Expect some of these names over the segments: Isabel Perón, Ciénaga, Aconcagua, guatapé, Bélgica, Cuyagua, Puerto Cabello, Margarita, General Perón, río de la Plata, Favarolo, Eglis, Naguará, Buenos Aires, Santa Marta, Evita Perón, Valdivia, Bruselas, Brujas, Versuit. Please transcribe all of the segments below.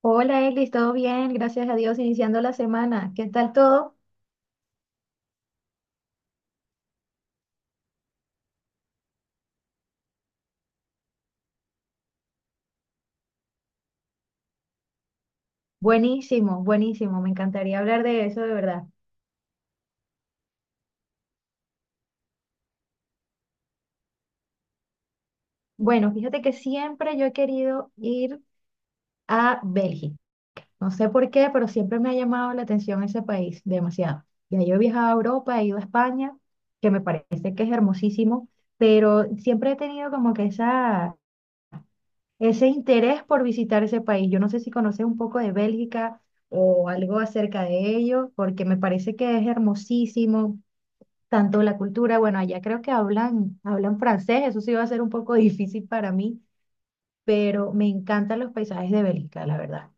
Hola, Eglis, ¿todo bien? Gracias a Dios, iniciando la semana. ¿Qué tal todo? Buenísimo, buenísimo. Me encantaría hablar de eso, de verdad. Bueno, fíjate que siempre yo he querido ir a Bélgica. No sé por qué, pero siempre me ha llamado la atención ese país, demasiado. Ya yo he viajado a Europa, he ido a España, que me parece que es hermosísimo, pero siempre he tenido como que esa ese interés por visitar ese país. Yo no sé si conoces un poco de Bélgica o algo acerca de ello, porque me parece que es hermosísimo, tanto la cultura. Bueno, allá creo que hablan francés, eso sí va a ser un poco difícil para mí, pero me encantan los paisajes de Bélgica, la verdad.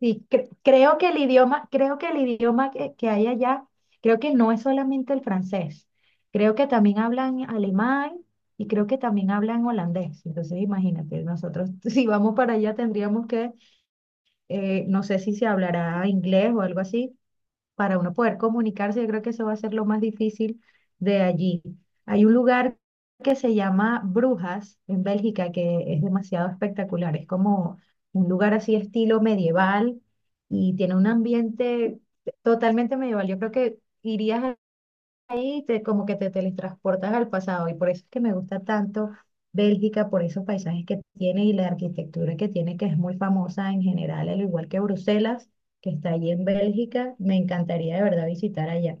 Sí, creo que el idioma, creo que el idioma que hay allá, creo que no es solamente el francés. Creo que también hablan alemán y creo que también hablan holandés. Entonces, imagínate, nosotros si vamos para allá tendríamos que, no sé si se hablará inglés o algo así, para uno poder comunicarse. Yo creo que eso va a ser lo más difícil de allí. Hay un lugar que se llama Brujas en Bélgica que es demasiado espectacular, es como un lugar así estilo medieval y tiene un ambiente totalmente medieval. Yo creo que irías ahí te, como que te teletransportas al pasado, y por eso es que me gusta tanto Bélgica, por esos paisajes que tiene y la arquitectura que tiene, que es muy famosa en general, al igual que Bruselas, que está allí en Bélgica. Me encantaría de verdad visitar allá.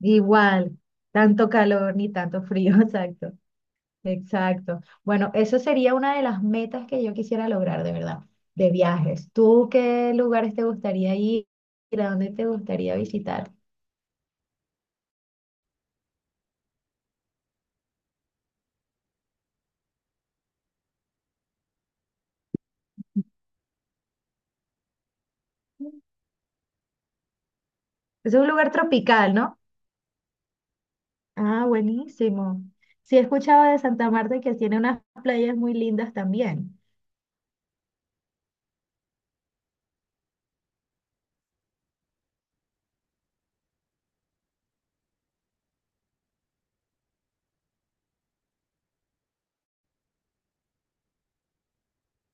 Igual, tanto calor ni tanto frío, exacto, exacto. Bueno, eso sería una de las metas que yo quisiera lograr de verdad, de viajes. ¿Tú qué lugares te gustaría ir? ¿A dónde te gustaría visitar? Es un lugar tropical, ¿no? Ah, buenísimo. Sí, he escuchado de Santa Marta que tiene unas playas muy lindas también.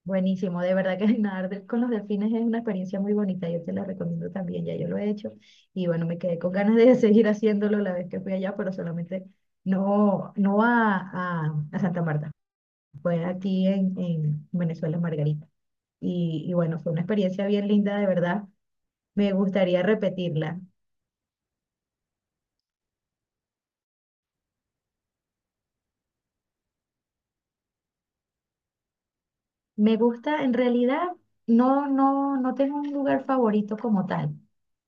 Buenísimo, de verdad que nadar con los delfines es una experiencia muy bonita, yo te la recomiendo también. Ya yo lo he hecho y bueno, me quedé con ganas de seguir haciéndolo la vez que fui allá, pero solamente no, no a, a Santa Marta, fue aquí en Venezuela, en Margarita. Y bueno, fue una experiencia bien linda, de verdad, me gustaría repetirla. Me gusta, en realidad, no tengo un lugar favorito como tal.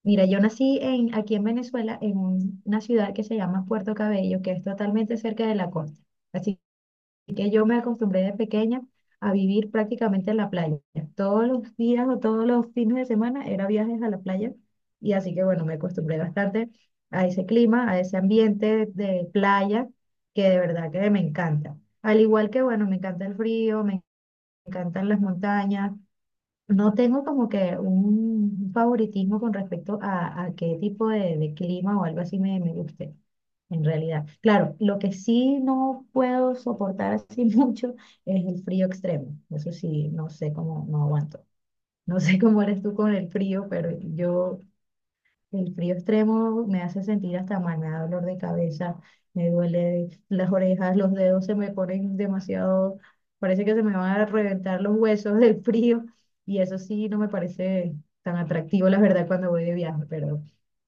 Mira, yo nací aquí en Venezuela, en una ciudad que se llama Puerto Cabello, que es totalmente cerca de la costa. Así que yo me acostumbré de pequeña a vivir prácticamente en la playa. Todos los días o todos los fines de semana era viajes a la playa. Y así que bueno, me acostumbré bastante a ese clima, a ese ambiente de playa, que de verdad que me encanta. Al igual que, bueno, me encanta el frío, me encantan las montañas. No tengo como que un favoritismo con respecto a qué tipo de clima o algo así me guste, en realidad. Claro, lo que sí no puedo soportar así mucho es el frío extremo. Eso sí, no sé cómo, no aguanto. No sé cómo eres tú con el frío, pero yo el frío extremo me hace sentir hasta mal, me da dolor de cabeza, me duele las orejas, los dedos se me ponen demasiado, parece que se me van a reventar los huesos del frío, y eso sí no me parece tan atractivo, la verdad, cuando voy de viaje, pero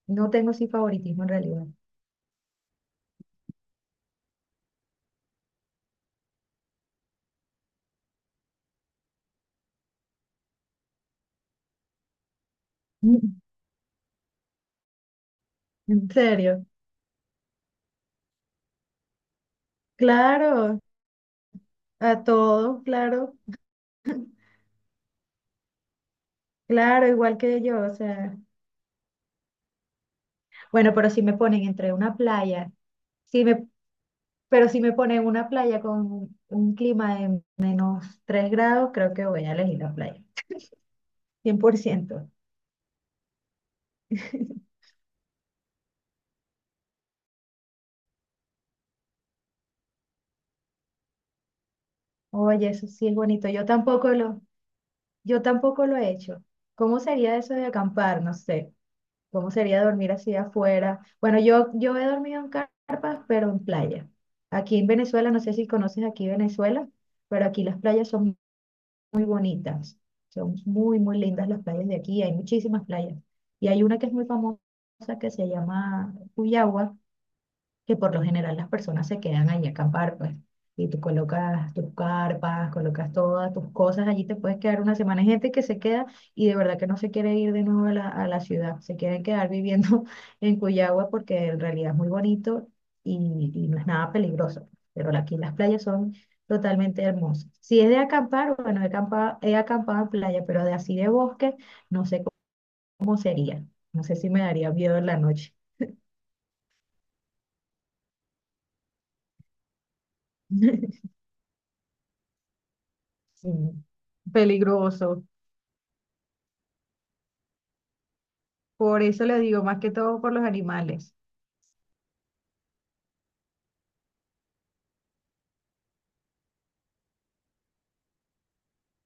no tengo sí favoritismo en realidad. Mm, en serio, claro, a todos, claro, claro, igual que yo, o sea, bueno, pero si me ponen entre una playa, si me Pero si me ponen una playa con un clima de -3 grados, creo que voy a elegir la playa. 100%. Oye, eso sí es bonito. Yo tampoco lo he hecho. ¿Cómo sería eso de acampar? No sé. ¿Cómo sería dormir así afuera? Bueno, yo he dormido en carpas, pero en playa. Aquí en Venezuela, no sé si conoces aquí Venezuela, pero aquí las playas son muy bonitas. Son muy, muy lindas las playas de aquí. Hay muchísimas playas. Y hay una que es muy famosa que se llama Cuyagua, que por lo general las personas se quedan allí a acampar, pues. Y tú colocas tus carpas, colocas todas tus cosas, allí te puedes quedar una semana. Hay gente que se queda y de verdad que no se quiere ir de nuevo a la ciudad, se quieren quedar viviendo en Cuyagua, porque en realidad es muy bonito y no es nada peligroso. Pero aquí las playas son totalmente hermosas. Si es de acampar, bueno, he acampado, en playa, pero de así de bosque, no sé cómo sería. No sé si me daría miedo en la noche. Sí. Peligroso. Por eso le digo, más que todo por los animales.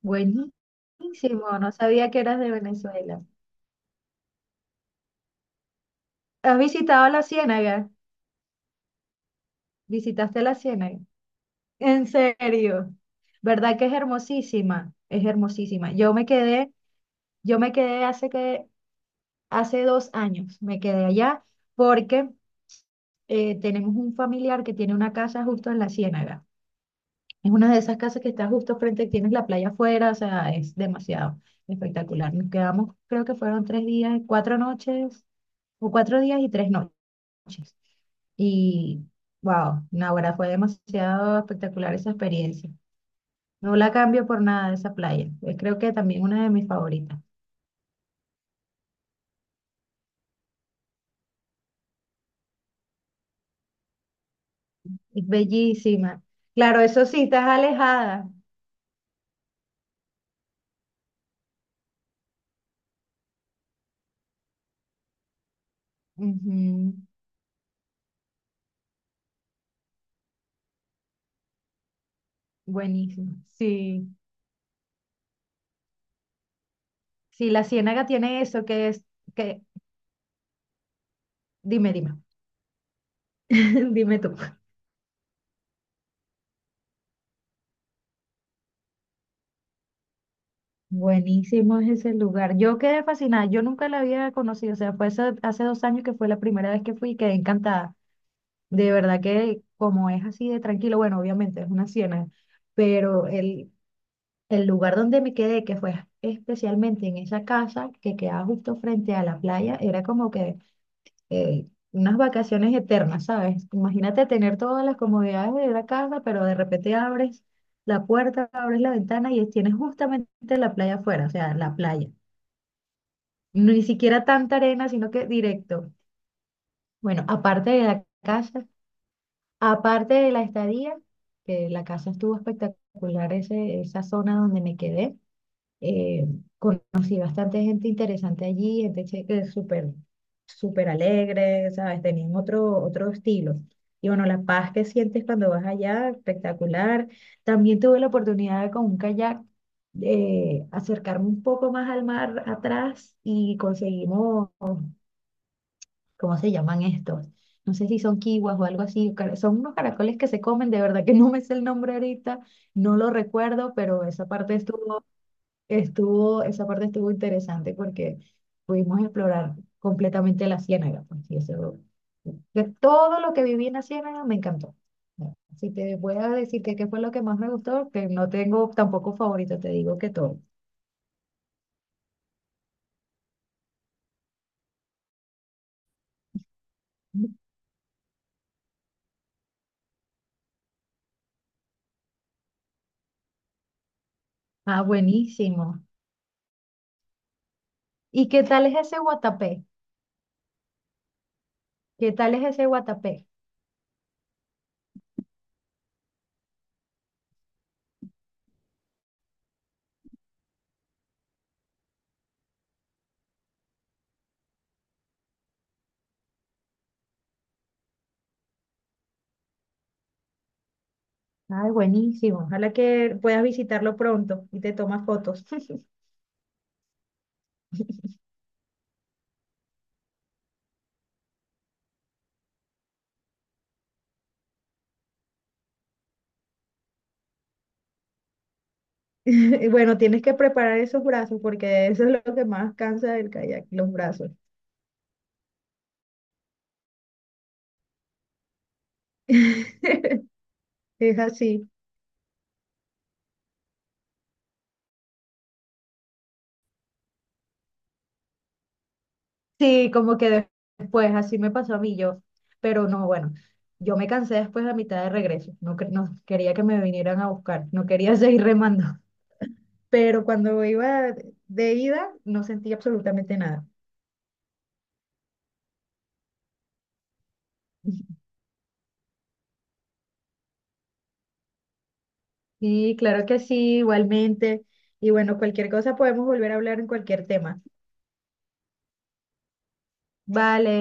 Buenísimo, no sabía que eras de Venezuela. ¿Has visitado la Ciénaga? ¿Visitaste la Ciénaga? En serio, ¿verdad que es hermosísima? Es hermosísima. Yo me quedé hace 2 años, me quedé allá porque tenemos un familiar que tiene una casa justo en la Ciénaga. Es una de esas casas que está justo frente, tienes la playa afuera, o sea, es demasiado espectacular. Nos quedamos, creo que fueron 3 días, 4 noches, o 4 días y 3 noches. Y wow, ¡Naguará! Fue demasiado espectacular esa experiencia. No la cambio por nada de esa playa. Es creo que también una de mis favoritas. Es bellísima. Claro, eso sí, estás alejada. Ujú. Buenísimo. Sí, sí, la Ciénaga tiene eso que es, que, dime, dime, dime tú. Buenísimo es ese lugar. Yo quedé fascinada, yo nunca la había conocido, o sea, fue hace 2 años que fue la primera vez que fui y quedé encantada. De verdad que como es así de tranquilo, bueno, obviamente es una ciénaga, pero el lugar donde me quedé, que fue especialmente en esa casa que quedaba justo frente a la playa, era como que unas vacaciones eternas, ¿sabes? Imagínate tener todas las comodidades de la casa, pero de repente abres la puerta, abres la ventana y tienes justamente la playa afuera, o sea, la playa ni siquiera tanta arena, sino que directo. Bueno, aparte de la casa, aparte de la estadía, que la casa estuvo espectacular, esa zona donde me quedé, eh, conocí bastante gente interesante allí, gente que es súper, súper alegre, ¿sabes? Tenían otro estilo. Y bueno, la paz que sientes cuando vas allá, espectacular. También tuve la oportunidad de con un kayak de acercarme un poco más al mar atrás y conseguimos, ¿cómo se llaman estos? No sé si son kiwas o algo así, son unos caracoles que se comen, de verdad que no me sé el nombre ahorita, no lo recuerdo, pero esa parte estuvo interesante, porque pudimos explorar completamente la ciénaga, pues, y eso, de todo lo que viví en la Ciénaga me encantó. Si te voy a decir que qué fue lo que más me gustó, que no tengo tampoco favorito, te digo que todo. Ah, buenísimo. ¿Y qué tal es ese Guatapé? ¿Qué tal es ese Guatapé? Ay, buenísimo. Ojalá que puedas visitarlo pronto y te tomas fotos. Y bueno, tienes que preparar esos brazos, porque eso es lo que más cansa del kayak, los brazos. Es así. Sí, como que después, así me pasó a mí yo. Pero no, bueno, yo me cansé después a mitad de regreso. No, no quería que me vinieran a buscar, no quería seguir remando. Pero cuando iba de ida, no sentí absolutamente nada. Sí, claro que sí, igualmente. Y bueno, cualquier cosa podemos volver a hablar en cualquier tema. Vale.